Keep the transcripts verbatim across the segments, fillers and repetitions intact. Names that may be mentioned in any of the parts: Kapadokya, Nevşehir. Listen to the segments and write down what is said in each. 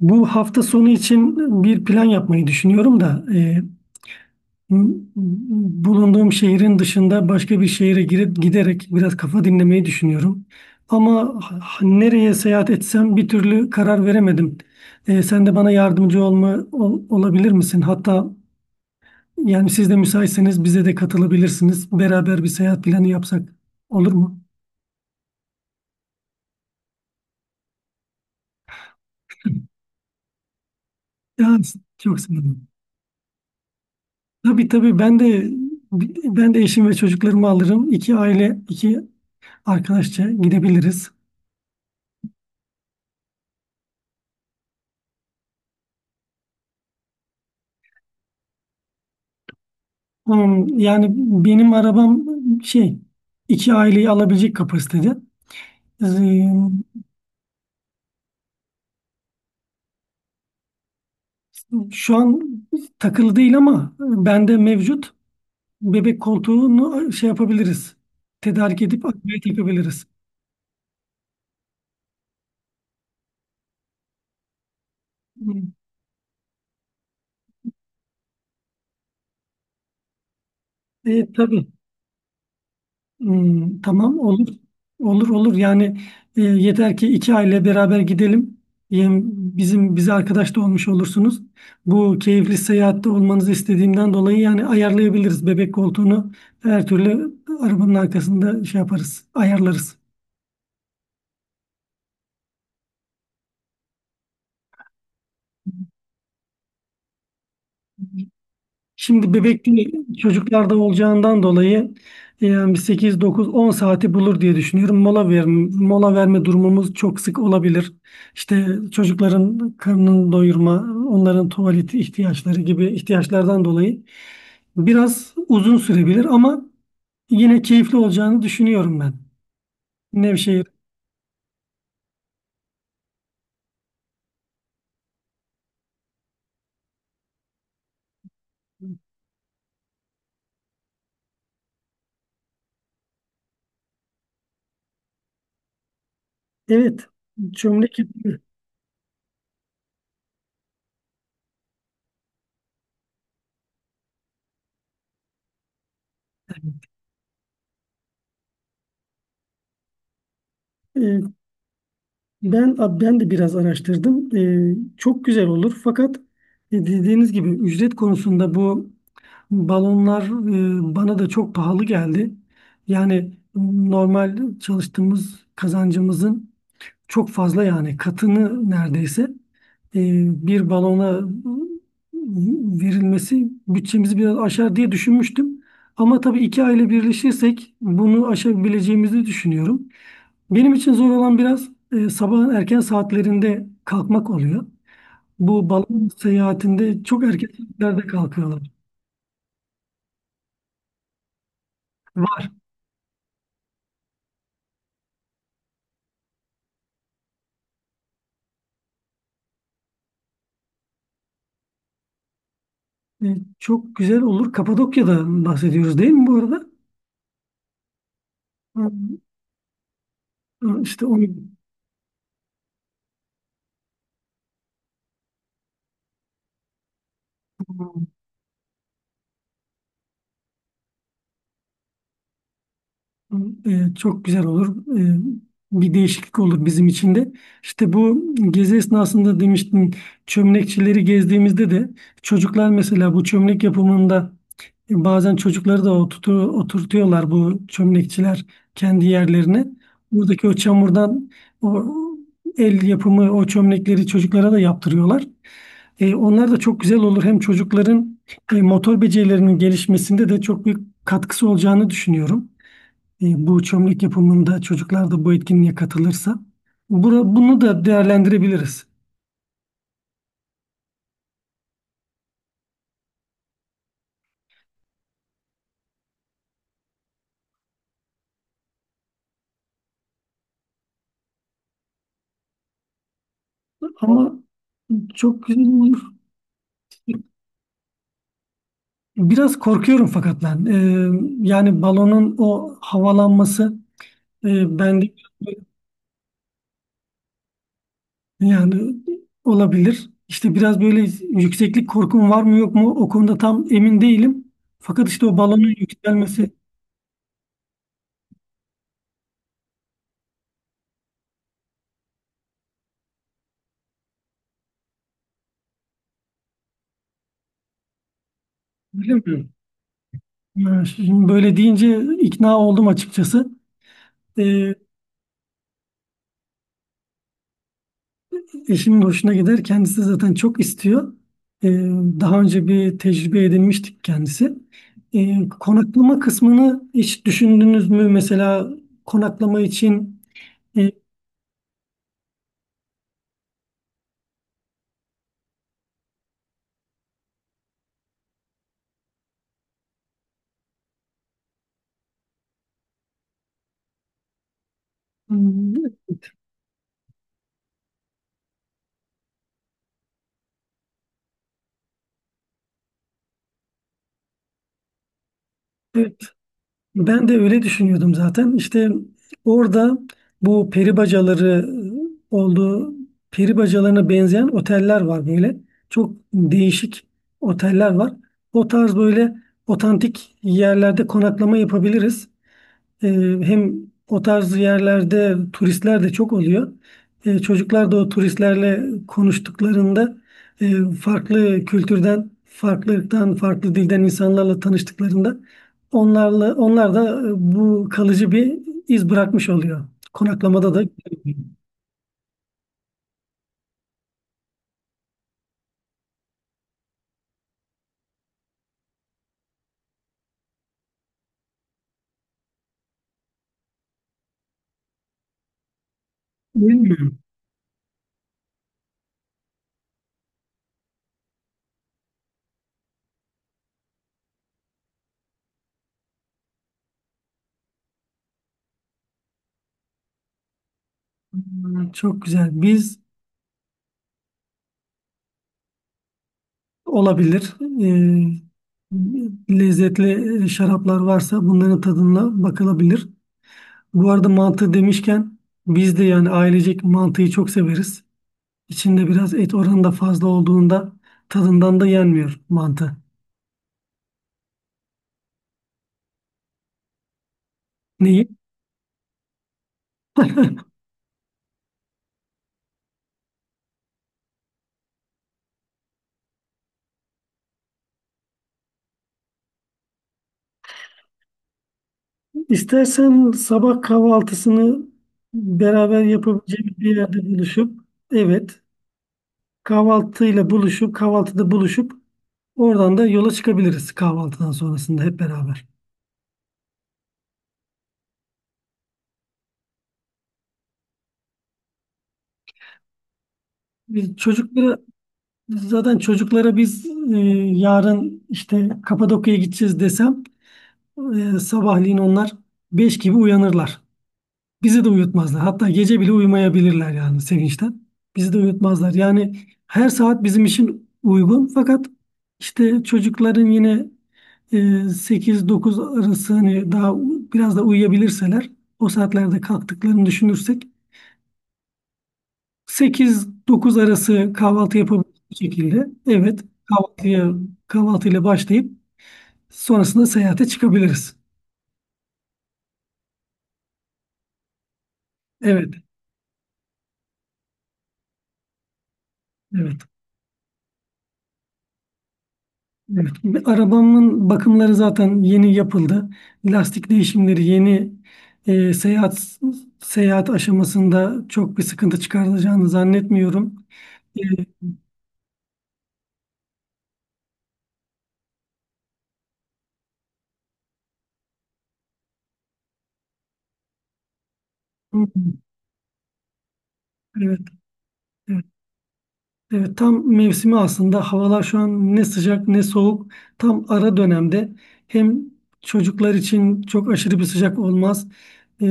Bu hafta sonu için bir plan yapmayı düşünüyorum da e, m- bulunduğum şehrin dışında başka bir şehre girip giderek biraz kafa dinlemeyi düşünüyorum. Ama h- nereye seyahat etsem bir türlü karar veremedim. E, sen de bana yardımcı olma ol- olabilir misin? Hatta yani siz de müsaitseniz bize de katılabilirsiniz. Beraber bir seyahat planı yapsak olur mu? Ya çok sevinirim. Tabii tabii ben de ben de eşim ve çocuklarımı alırım. İki aile, iki arkadaşça gidebiliriz. Hmm, yani benim arabam şey iki aileyi alabilecek kapasitede. Ee, Şu an takılı değil ama bende mevcut bebek koltuğunu şey yapabiliriz. Tedarik edip arkaya takabiliriz. Hmm. E, tabii. Hmm, tamam olur. Olur olur yani e, yeter ki iki aile beraber gidelim. Yem- Bizim bize arkadaş da olmuş olursunuz. Bu keyifli seyahatte olmanızı istediğimden dolayı yani ayarlayabiliriz bebek koltuğunu. Her türlü arabanın arkasında şey yaparız, ayarlarız. Şimdi bebek değil, çocuklarda olacağından dolayı e, yani sekiz dokuz on saati bulur diye düşünüyorum. Mola verme, mola verme durumumuz çok sık olabilir. İşte çocukların karnını doyurma, onların tuvalet ihtiyaçları gibi ihtiyaçlardan dolayı biraz uzun sürebilir ama yine keyifli olacağını düşünüyorum ben. Nevşehir. Evet, çömlek. Ben, ab- ben de biraz araştırdım. Ee, çok güzel olur. Fakat e, dediğiniz gibi ücret konusunda bu balonlar e, bana da çok pahalı geldi. Yani normal çalıştığımız kazancımızın çok fazla yani katını neredeyse e, bir balona verilmesi bütçemizi biraz aşar diye düşünmüştüm. Ama tabii iki aile birleşirsek bunu aşabileceğimizi düşünüyorum. Benim için zor olan biraz e, sabahın erken saatlerinde kalkmak oluyor. Bu balon seyahatinde çok erken saatlerde kalkıyorlar. Var. E, çok güzel olur. Kapadokya'dan bahsediyoruz değil mi bu arada? Hı, hı. İşte onu. E, çok güzel olur. E, bir değişiklik olur bizim için de. İşte bu gezi esnasında demiştin çömlekçileri gezdiğimizde de çocuklar mesela bu çömlek yapımında e, bazen çocukları da oturtu, oturtuyorlar bu çömlekçiler kendi yerlerine. Buradaki o çamurdan o el yapımı o çömlekleri çocuklara da yaptırıyorlar. E, onlar da çok güzel olur. Hem çocukların e, motor becerilerinin gelişmesinde de çok büyük katkısı olacağını düşünüyorum. E, bu çömlek yapımında çocuklar da bu etkinliğe katılırsa bura, bunu da değerlendirebiliriz. Ama çok biraz korkuyorum fakat ben. E, yani balonun o havalanması e, bende yani olabilir. İşte biraz böyle yükseklik korkum var mı yok mu o konuda tam emin değilim. Fakat işte o balonun yükselmesi bilemiyorum. Yani şimdi böyle deyince ikna oldum açıkçası. E, Eşimin hoşuna gider. Kendisi de zaten çok istiyor. Ee, daha önce bir tecrübe edinmiştik kendisi. Ee, konaklama kısmını hiç düşündünüz mü? Mesela konaklama için e, evet, ben de öyle düşünüyordum zaten. İşte orada bu peri bacaları e, olduğu peri bacalarına benzeyen oteller var böyle. Çok değişik oteller var. O tarz böyle otantik yerlerde konaklama yapabiliriz. E, hem o tarz yerlerde turistler de çok oluyor. E, çocuklar da o turistlerle konuştuklarında e, farklı kültürden, farklılıktan, farklı dilden insanlarla tanıştıklarında onlarla onlar da e, bu kalıcı bir iz bırakmış oluyor. Konaklamada da bilmiyorum. Hmm, çok güzel. Biz olabilir. E, lezzetli şaraplar varsa bunların tadına bakılabilir. Bu arada mantı demişken biz de yani ailecek mantıyı çok severiz. İçinde biraz et oranı da fazla olduğunda tadından da yenmiyor mantı. Neyi? İstersen sabah kahvaltısını beraber yapabileceğimiz bir yerde buluşup, evet, kahvaltıyla buluşup kahvaltıda buluşup oradan da yola çıkabiliriz kahvaltıdan sonrasında hep beraber. Biz çocuklara zaten çocuklara biz e, yarın işte Kapadokya'ya gideceğiz desem, Ee, sabahleyin onlar beş gibi uyanırlar. Bizi de uyutmazlar. Hatta gece bile uyumayabilirler yani sevinçten. Bizi de uyutmazlar. Yani her saat bizim için uygun. Fakat işte çocukların yine e, sekiz dokuz arası hani daha u- biraz da uyuyabilirseler o saatlerde kalktıklarını düşünürsek sekiz dokuz arası kahvaltı yapabilecek şekilde, evet, kahvaltıya kahvaltıyla başlayıp sonrasında seyahate çıkabiliriz. Evet, evet. Evet, arabamın bakımları zaten yeni yapıldı. Lastik değişimleri yeni e, seyahat seyahat aşamasında çok bir sıkıntı çıkartacağını zannetmiyorum. E, hı, evet, evet. Evet, tam mevsimi aslında. Havalar şu an ne sıcak ne soğuk. Tam ara dönemde. Hem çocuklar için çok aşırı bir sıcak olmaz. Ee,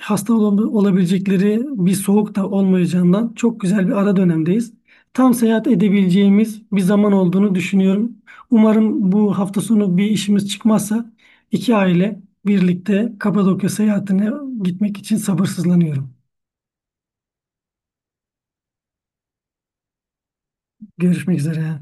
hasta ol- olabilecekleri bir soğuk da olmayacağından çok güzel bir ara dönemdeyiz. Tam seyahat edebileceğimiz bir zaman olduğunu düşünüyorum. Umarım bu hafta sonu bir işimiz çıkmazsa iki aile birlikte Kapadokya seyahatine gitmek için sabırsızlanıyorum. Görüşmek üzere.